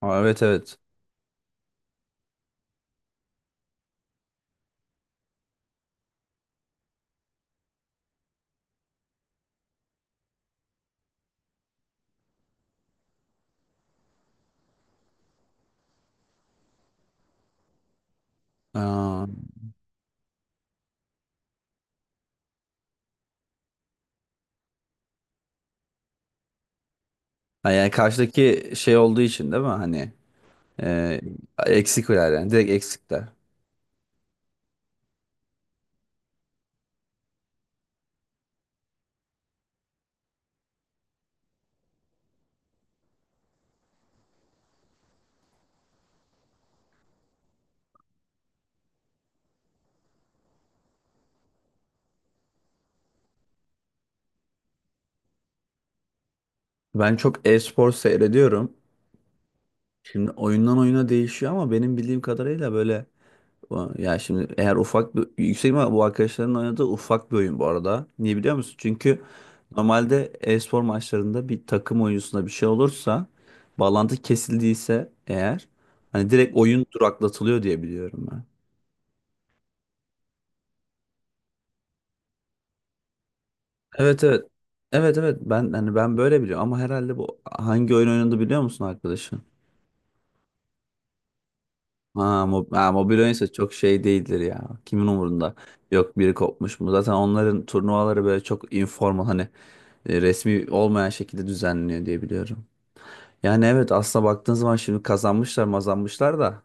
Aa, evet, evet. Aa, ha, yani karşıdaki şey olduğu için değil mi? Hani e, eksikler yani. Direkt eksikler. Ben çok e-spor seyrediyorum. Şimdi oyundan oyuna değişiyor ama benim bildiğim kadarıyla böyle ya şimdi eğer ufak bir yüksek ihtimal bu arkadaşların oynadığı ufak bir oyun bu arada. Niye biliyor musun? Çünkü normalde e-spor maçlarında bir takım oyuncusunda bir şey olursa bağlantı kesildiyse eğer hani direkt oyun duraklatılıyor diye biliyorum. Evet, evet. Evet, evet ben hani ben böyle biliyorum ama herhalde bu hangi oyun oynadı biliyor musun arkadaşın? Ha, mob ha, mobil oyunsa çok şey değildir ya. Kimin umurunda? Yok biri kopmuş mu? Zaten onların turnuvaları böyle çok informal hani resmi olmayan şekilde düzenleniyor diye biliyorum. Yani evet aslında baktığın zaman şimdi kazanmışlar mazanmışlar da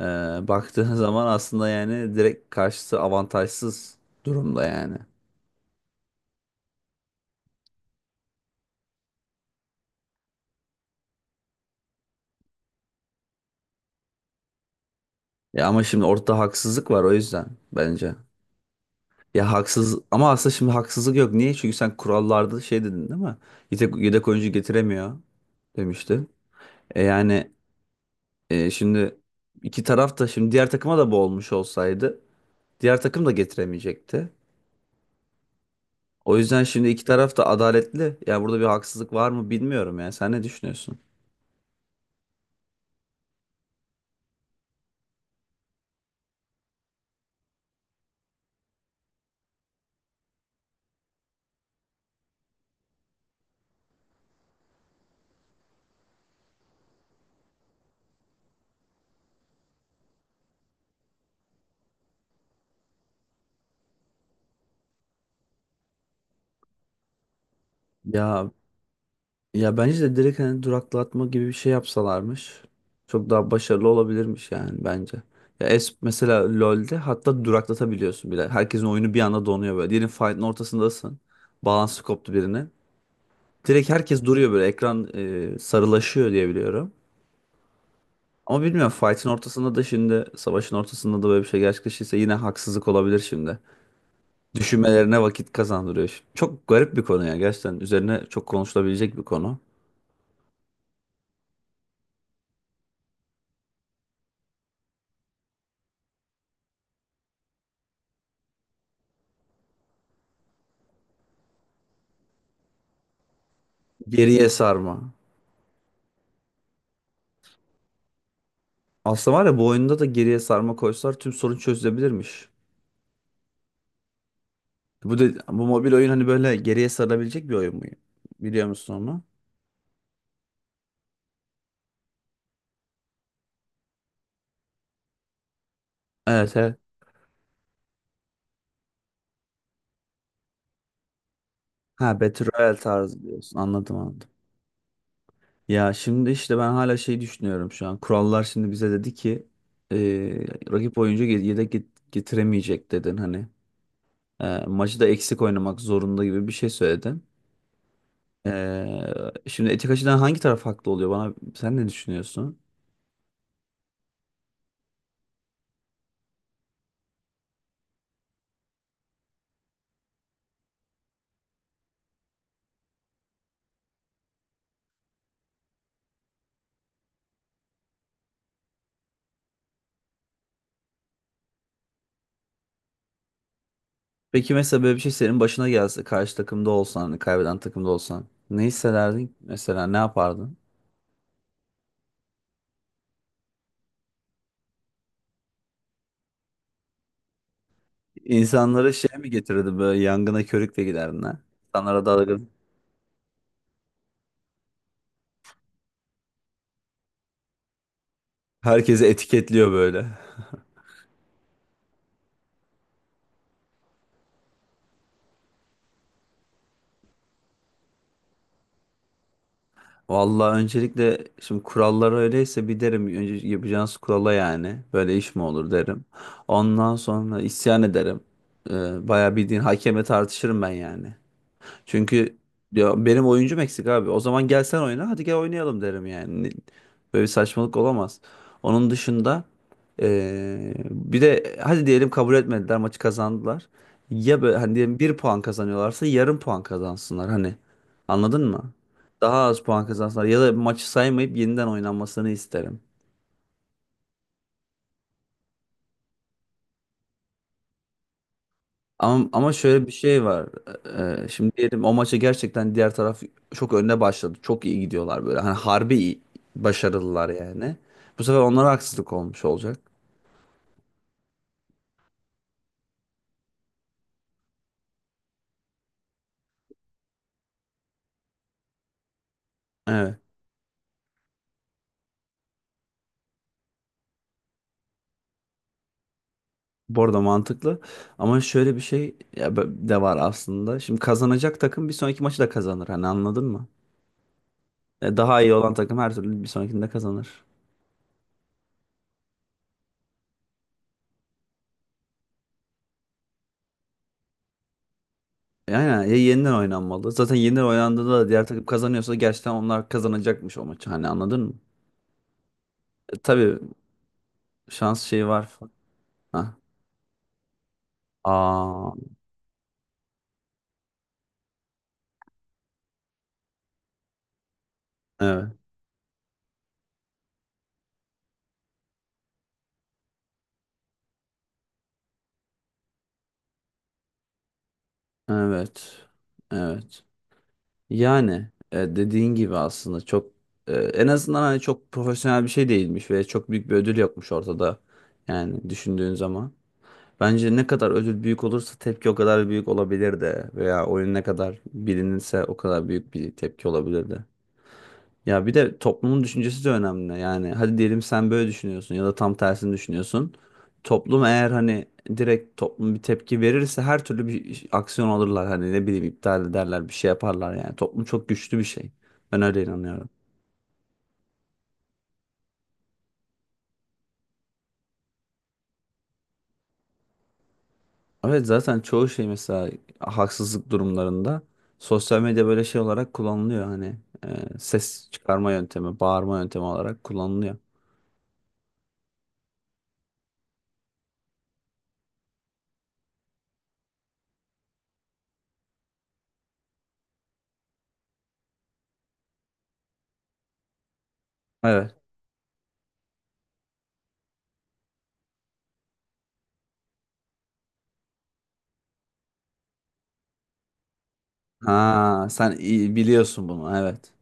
e, baktığın zaman aslında yani direkt karşısı avantajsız durumda yani. Ya ama şimdi ortada haksızlık var o yüzden bence. Ya haksız ama aslında şimdi haksızlık yok. Niye? Çünkü sen kurallarda şey dedin değil mi? Yedek oyuncu getiremiyor demiştin. E yani şimdi iki taraf da şimdi diğer takıma da bu olmuş olsaydı diğer takım da getiremeyecekti. O yüzden şimdi iki taraf da adaletli. Ya burada bir haksızlık var mı bilmiyorum ya. Sen ne düşünüyorsun? Ya Ya bence de direkt hani duraklatma gibi bir şey yapsalarmış. Çok daha başarılı olabilirmiş yani bence. Ya es mesela LoL'de hatta duraklatabiliyorsun bile. Herkesin oyunu bir anda donuyor böyle. Diyelim fight'ın ortasındasın. Balansı koptu birine. Direkt herkes duruyor böyle. Ekran sarılaşıyor diye biliyorum. Ama bilmiyorum fight'ın ortasında da şimdi savaşın ortasında da böyle bir şey gerçekleşirse yine haksızlık olabilir şimdi. Düşünmelerine vakit kazandırıyor. Çok garip bir konu ya gerçekten. Üzerine çok konuşulabilecek bir konu. Geriye sarma. Aslında var ya bu oyunda da geriye sarma koysalar tüm sorun çözülebilirmiş. Bu mobil oyun hani böyle geriye sarılabilecek bir oyun mu? Biliyor musun onu? Evet, evet. Ha, Battle Royale tarzı diyorsun. Anladım, anladım. Ya şimdi işte ben hala şey düşünüyorum şu an. Kurallar şimdi bize dedi ki e, rakip oyuncu yedek getiremeyecek dedin hani. Maçı da eksik oynamak zorunda gibi bir şey söyledin. Şimdi etik açıdan hangi taraf haklı oluyor bana? Sen ne düşünüyorsun? Peki mesela böyle bir şey senin başına gelse karşı takımda olsan hani kaybeden takımda olsan ne hissederdin? Mesela ne yapardın? İnsanlara şey mi getirirdin böyle yangına körükle giderdin ha? İnsanlara dalgın. Herkesi etiketliyor böyle. Vallahi öncelikle şimdi kurallar öyleyse bir derim önce yapacağınız kurala yani böyle iş mi olur derim. Ondan sonra isyan ederim. Bayağı bildiğin hakemle tartışırım ben yani. Çünkü ya benim oyuncum eksik abi. O zaman gel sen oyna. Hadi gel oynayalım derim yani. Böyle bir saçmalık olamaz. Onun dışında bir de hadi diyelim kabul etmediler maçı kazandılar. Ya böyle hani diyelim bir puan kazanıyorlarsa yarım puan kazansınlar hani. Anladın mı? Daha az puan kazansınlar ya da maçı saymayıp yeniden oynanmasını isterim. Ama şöyle bir şey var. Şimdi diyelim o maça gerçekten diğer taraf çok önde başladı. Çok iyi gidiyorlar böyle. Hani harbi iyi, başarılılar yani. Bu sefer onlara haksızlık olmuş olacak. Evet. Bu arada mantıklı. Ama şöyle bir şey ya de var aslında. Şimdi kazanacak takım bir sonraki maçı da kazanır. Hani anladın mı? Ya daha iyi olan takım her türlü bir sonrakinde kazanır. Yani ya yeniden oynanmalı. Zaten yeniden oynandığında da diğer takım kazanıyorsa gerçekten onlar kazanacakmış o maçı. Hani anladın mı? Tabii şans şeyi var. Ha. Aa, evet, evet, evet. Yani dediğin gibi aslında çok en azından hani çok profesyonel bir şey değilmiş ve çok büyük bir ödül yokmuş ortada. Yani düşündüğün zaman. Bence ne kadar ödül büyük olursa tepki o kadar büyük olabilir de veya oyun ne kadar bilinirse o kadar büyük bir tepki olabilir de. Ya bir de toplumun düşüncesi de önemli. Yani hadi diyelim sen böyle düşünüyorsun ya da tam tersini düşünüyorsun. Toplum eğer hani direkt toplum bir tepki verirse her türlü bir aksiyon alırlar. Hani ne bileyim iptal ederler bir şey yaparlar yani. Toplum çok güçlü bir şey. Ben öyle inanıyorum. Evet zaten çoğu şey mesela haksızlık durumlarında sosyal medya böyle şey olarak kullanılıyor. Hani ses çıkarma yöntemi, bağırma yöntemi olarak kullanılıyor. Evet. Ha, sen iyi biliyorsun bunu. Evet.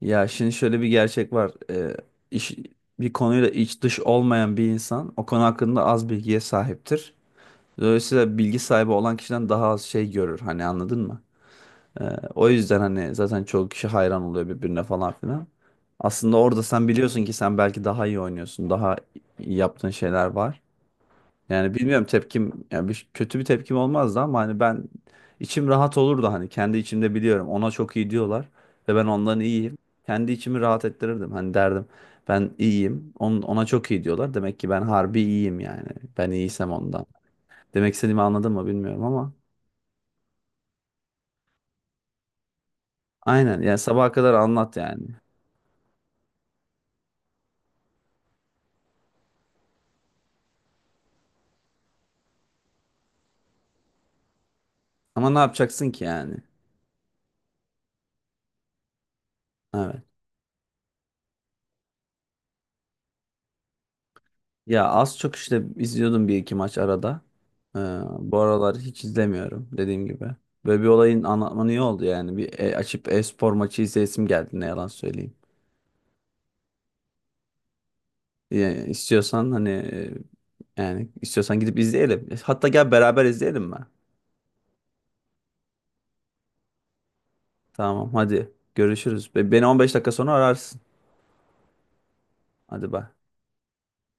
Ya şimdi şöyle bir gerçek var. İş, bir konuyla iç dış olmayan bir insan o konu hakkında az bilgiye sahiptir. Dolayısıyla bilgi sahibi olan kişiden daha az şey görür. Hani anladın mı? Ee, o yüzden hani zaten çoğu kişi hayran oluyor birbirine falan filan. Aslında orada sen biliyorsun ki sen belki daha iyi oynuyorsun. Daha iyi yaptığın şeyler var. Yani bilmiyorum tepkim yani kötü bir tepkim olmazdı ama hani ben içim rahat olurdu hani kendi içimde biliyorum ona çok iyi diyorlar ve ben ondan iyiyim. Kendi içimi rahat ettirirdim hani derdim ben iyiyim ona çok iyi diyorlar demek ki ben harbi iyiyim yani ben iyiysem ondan. Demek istediğimi anladın mı bilmiyorum ama aynen yani sabaha kadar anlat yani ama ne yapacaksın ki yani evet. Ya az çok işte izliyordum bir iki maç arada. Ee, bu aralar hiç izlemiyorum dediğim gibi. Böyle bir olayın anlatmanı iyi oldu yani. Bir açıp e-spor maçı izleyesim geldi ne yalan söyleyeyim. Yani istiyorsan hani yani istiyorsan gidip izleyelim. Hatta gel beraber izleyelim mi? Tamam hadi görüşürüz. Beni 15 dakika sonra ararsın. Hadi bay.